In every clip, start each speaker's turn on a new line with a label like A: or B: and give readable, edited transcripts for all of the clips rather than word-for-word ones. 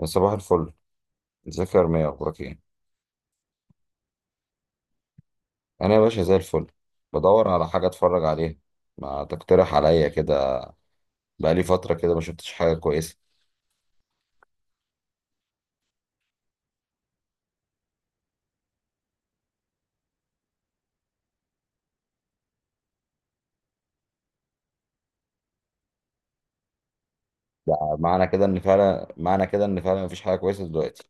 A: يا صباح الفل. ازيك يا رمية؟ اخبارك ايه؟ انا يا باشا زي الفل. بدور على حاجه اتفرج عليها. ما تقترح عليا كده. بقالي فتره كده ما شفتش حاجه كويسه. ده معنى كده ان فعلا مفيش حاجه كويسه دلوقتي.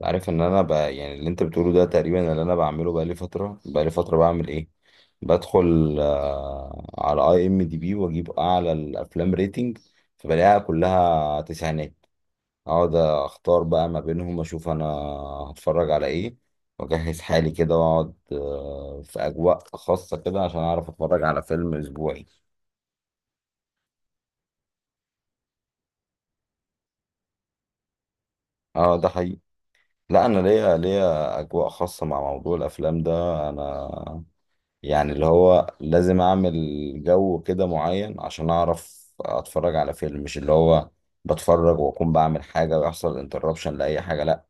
A: أنت عارف ان انا بقى، يعني اللي انت بتقوله ده تقريبا اللي انا بعمله. بقالي فتره بعمل ايه؟ بدخل على اي ام دي بي، واجيب اعلى الافلام ريتنج. فبلاقيها كلها تسعينات. اقعد اختار بقى ما بينهم، اشوف انا هتفرج على ايه. واجهز حالي كده، واقعد في اجواء خاصة كده، عشان اعرف اتفرج على فيلم اسبوعي. اه، ده حقيقي. لا، انا ليا اجواء خاصة مع موضوع الافلام ده. انا يعني اللي هو لازم اعمل جو كده معين، عشان اعرف اتفرج على فيلم. مش اللي هو بتفرج واكون بعمل حاجة ويحصل انتربشن لاي حاجة. لا.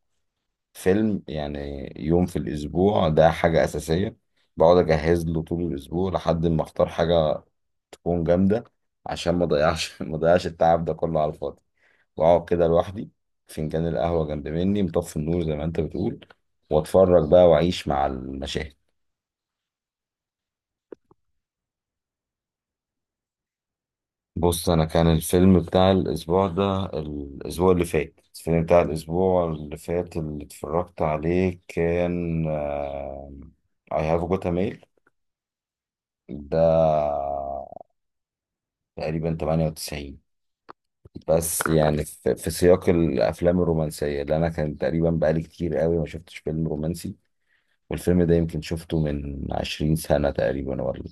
A: فيلم يعني يوم في الأسبوع ده حاجة أساسية. بقعد أجهز له طول الأسبوع لحد ما أختار حاجة تكون جامدة. عشان ما أضيعش ما أضيعش التعب ده كله على الفاضي. وأقعد كده لوحدي، فنجان القهوة جنب مني، مطفي النور زي ما أنت بتقول. وأتفرج بقى وأعيش مع المشاهد. بص أنا، كان الفيلم بتاع الأسبوع اللي فات اللي اتفرجت عليه كان I have got a mail. ده تقريبا 98. بس يعني في سياق الافلام الرومانسيه، اللي انا كان تقريبا بقالي كتير قوي ما شفتش فيلم رومانسي. والفيلم ده يمكن شفته من 20 سنه تقريبا، ولا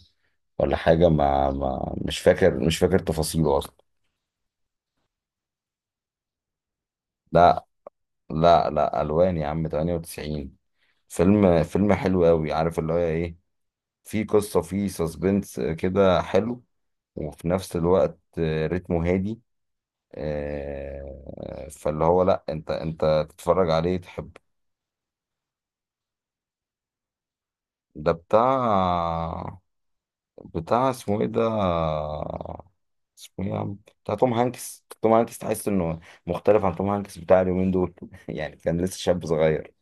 A: حاجه. ما, ما مش فاكر تفاصيله اصلا. لا، لا، لا، الوان يا عم، 98. فيلم حلو قوي. عارف اللي هو ايه؟ في قصه، في سسبنس كده حلو، وفي نفس الوقت رتمه هادي. فاللي هو لا، انت تتفرج عليه تحب. ده بتاع، اسمه ايه ده؟ اسمه ايه يا عم؟ بتاع توم هانكس. توم هانكس، تحس انه مختلف عن توم هانكس بتاع اليومين دول يعني كان لسه شاب صغير.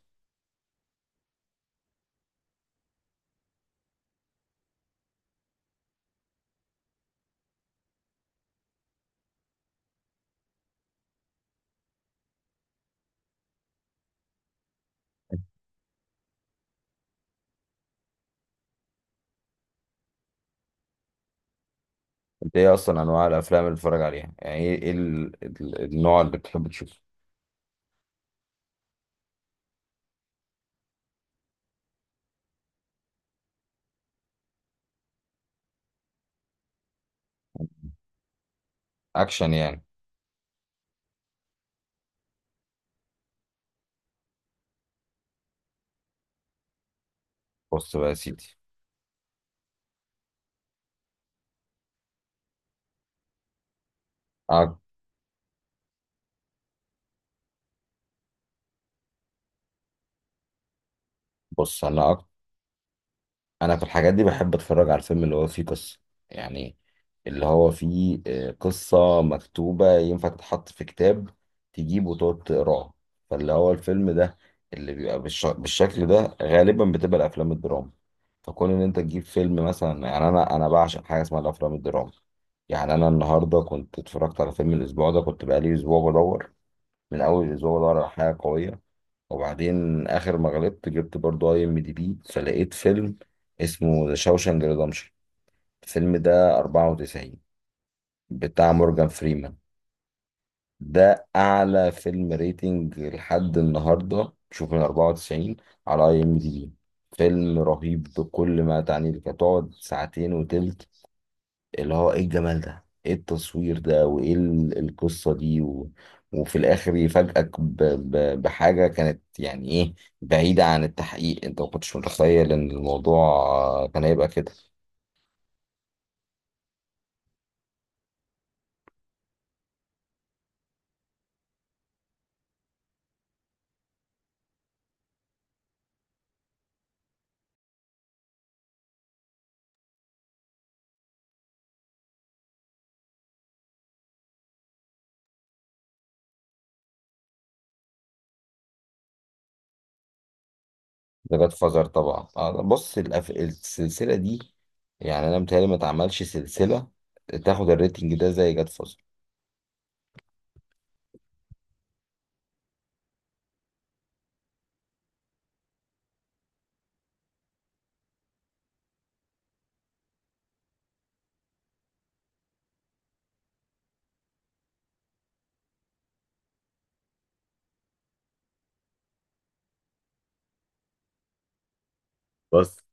A: انت ايه اصلا انواع الافلام اللي بتتفرج عليها؟ يعني ايه النوع اللي بتحب تشوفه؟ اكشن يعني. بص بقى يا سيدي. أك- بص، انا في الحاجات دي بحب اتفرج على الفيلم اللي هو فيه قصة. يعني اللي هو فيه قصة مكتوبة ينفع تتحط في كتاب، تجيب وتقعد تقراه. فاللي هو الفيلم ده اللي بيبقى بالشكل ده غالبا بتبقى الافلام الدراما. فكون ان انت تجيب فيلم مثلا، يعني انا بعشق حاجة اسمها الافلام الدراما. يعني انا النهارده كنت اتفرجت على فيلم الاسبوع ده. كنت بقالي اسبوع بدور، من اول الاسبوع بدور على حاجة قوية. وبعدين اخر ما غلبت جبت برضو اي ام دي بي، فلقيت فيلم اسمه ذا شاوشانج ريدمشن. الفيلم ده 94 بتاع مورجان فريمان. ده اعلى فيلم ريتنج لحد النهارده، شوف، من 94 على اي ام دي بي. فيلم رهيب بكل ما تعنيه لك. هتقعد ساعتين وتلت اللي هو ايه الجمال ده، ايه التصوير ده، وايه القصة دي وفي الاخر يفاجئك بحاجة كانت يعني ايه، بعيدة عن التحقيق. انت ما كنتش متخيل ان الموضوع كان هيبقى كده. ده جاد فازر طبعا. بص، السلسلة دي يعني انا متهيألي ما اتعملش سلسلة تاخد الريتنج ده زي جاد فازر. بس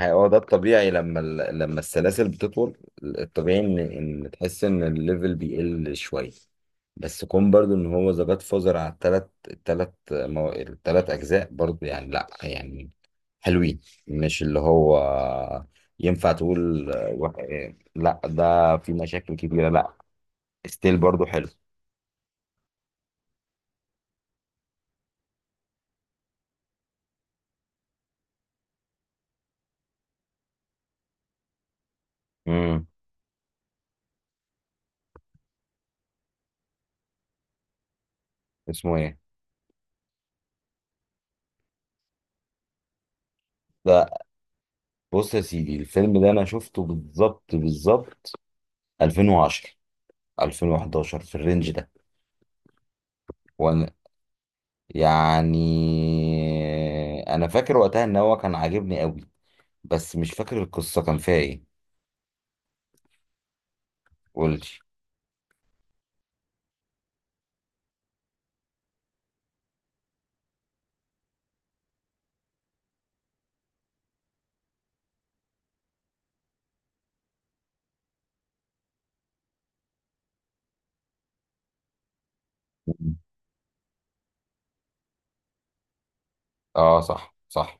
A: هو ده الطبيعي، لما لما السلاسل بتطول. الطبيعي ان تحس ان الليفل بيقل شويه. بس كون برضو ان هو ذا جاد فازر على التلات اجزاء برضو، يعني لا، يعني حلوين. مش اللي هو ينفع تقول لا ده في مشاكل كبيره. لا، ستيل برضو حلو. امم اسمه ايه ده؟ بص يا سيدي، الفيلم ده انا شفته بالظبط بالظبط، 2010، 2011، في الرينج ده. يعني انا فاكر وقتها ان هو كان عاجبني قوي، بس مش فاكر القصة كان فيها ايه. قولي. اه، صح، صح.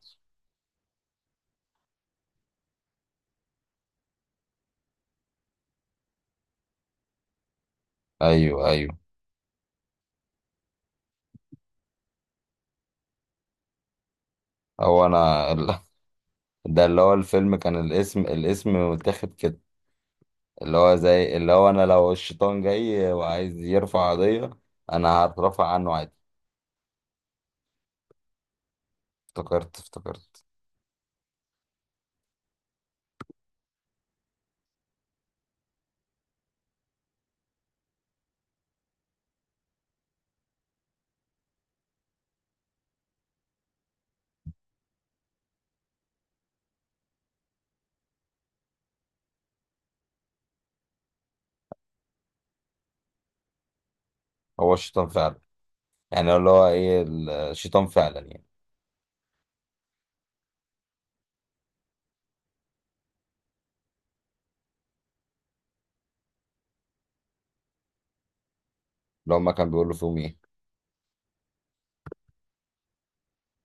A: ايوه، ايوه. هو انا ده، اللي هو الفيلم كان، الاسم متاخد كده. اللي هو زي اللي هو، انا لو الشيطان جاي وعايز يرفع قضية، انا هترفع عنه عادي. افتكرت، افتكرت. هو الشيطان فعلا. يعني اللي هو ايه الشيطان فعلا يعني. اللي هما كان بيقول له فيهم ايه؟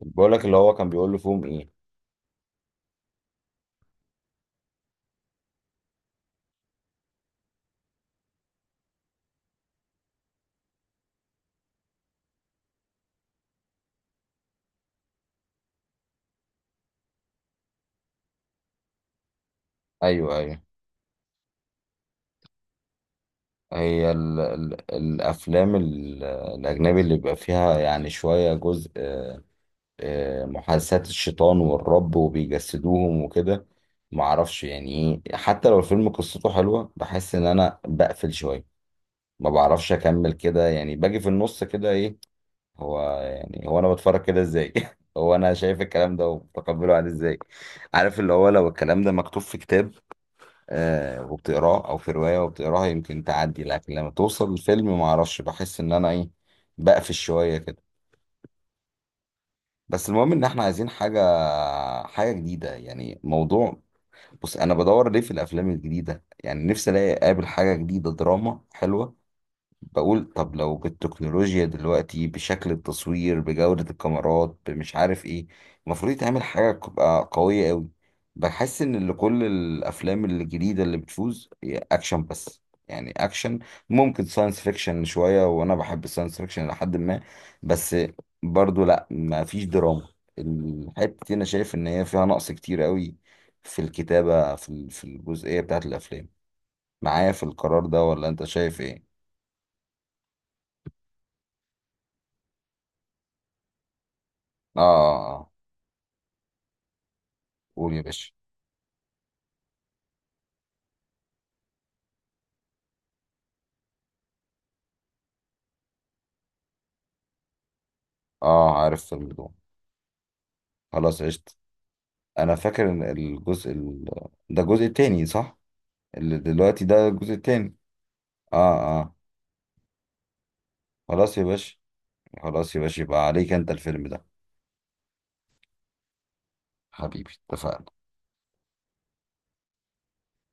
A: بقول لك، اللي هو كان بيقول له فيهم ايه؟ ايوه، ايوه. هي ال ال الأفلام الأجنبي اللي بيبقى فيها يعني شوية جزء، محادثات الشيطان والرب وبيجسدوهم وكده. معرفش يعني إيه، حتى لو الفيلم قصته حلوة بحس إن أنا بقفل شوية. ما بعرفش أكمل كده. يعني باجي في النص كده إيه؟ هو يعني، هو أنا بتفرج كده إزاي؟ هو أنا شايف الكلام ده ومتقبله عادي إزاي؟ عارف، اللي هو لو الكلام ده مكتوب في كتاب وبتقراه، او في روايه وبتقراها يمكن تعدي. لكن لما توصل الفيلم ما اعرفش، بحس ان انا ايه، بقفش شويه كده. بس المهم ان احنا عايزين حاجه، حاجه جديده، يعني موضوع. بص، انا بدور ليه في الافلام الجديده؟ يعني نفسي الاقي اقابل حاجه جديده، دراما حلوه. بقول طب لو بالتكنولوجيا دلوقتي، بشكل التصوير، بجودة الكاميرات، بمش عارف ايه، المفروض يتعمل حاجة تبقى قوية قوي. بحس ان اللي كل الافلام الجديدة اللي بتفوز هي اكشن بس. يعني اكشن، ممكن ساينس فيكشن شوية، وانا بحب الساينس فيكشن لحد ما. بس برضو لا، ما فيش دراما. الحتة دي انا شايف ان هي فيها نقص كتير قوي في الكتابة، في في الجزئية بتاعت الافلام. معايا في القرار ده ولا انت شايف ايه؟ اه. آه، آه. قول يا باشا. اه، عارف فيلم دوم. خلاص، عشت. انا فاكر ان الجزء ده الجزء التاني، صح؟ اللي دلوقتي ده الجزء التاني. اه، اه. خلاص يا باشا، خلاص يا باشا، يبقى عليك انت الفيلم ده. حبيبي، اتفقنا.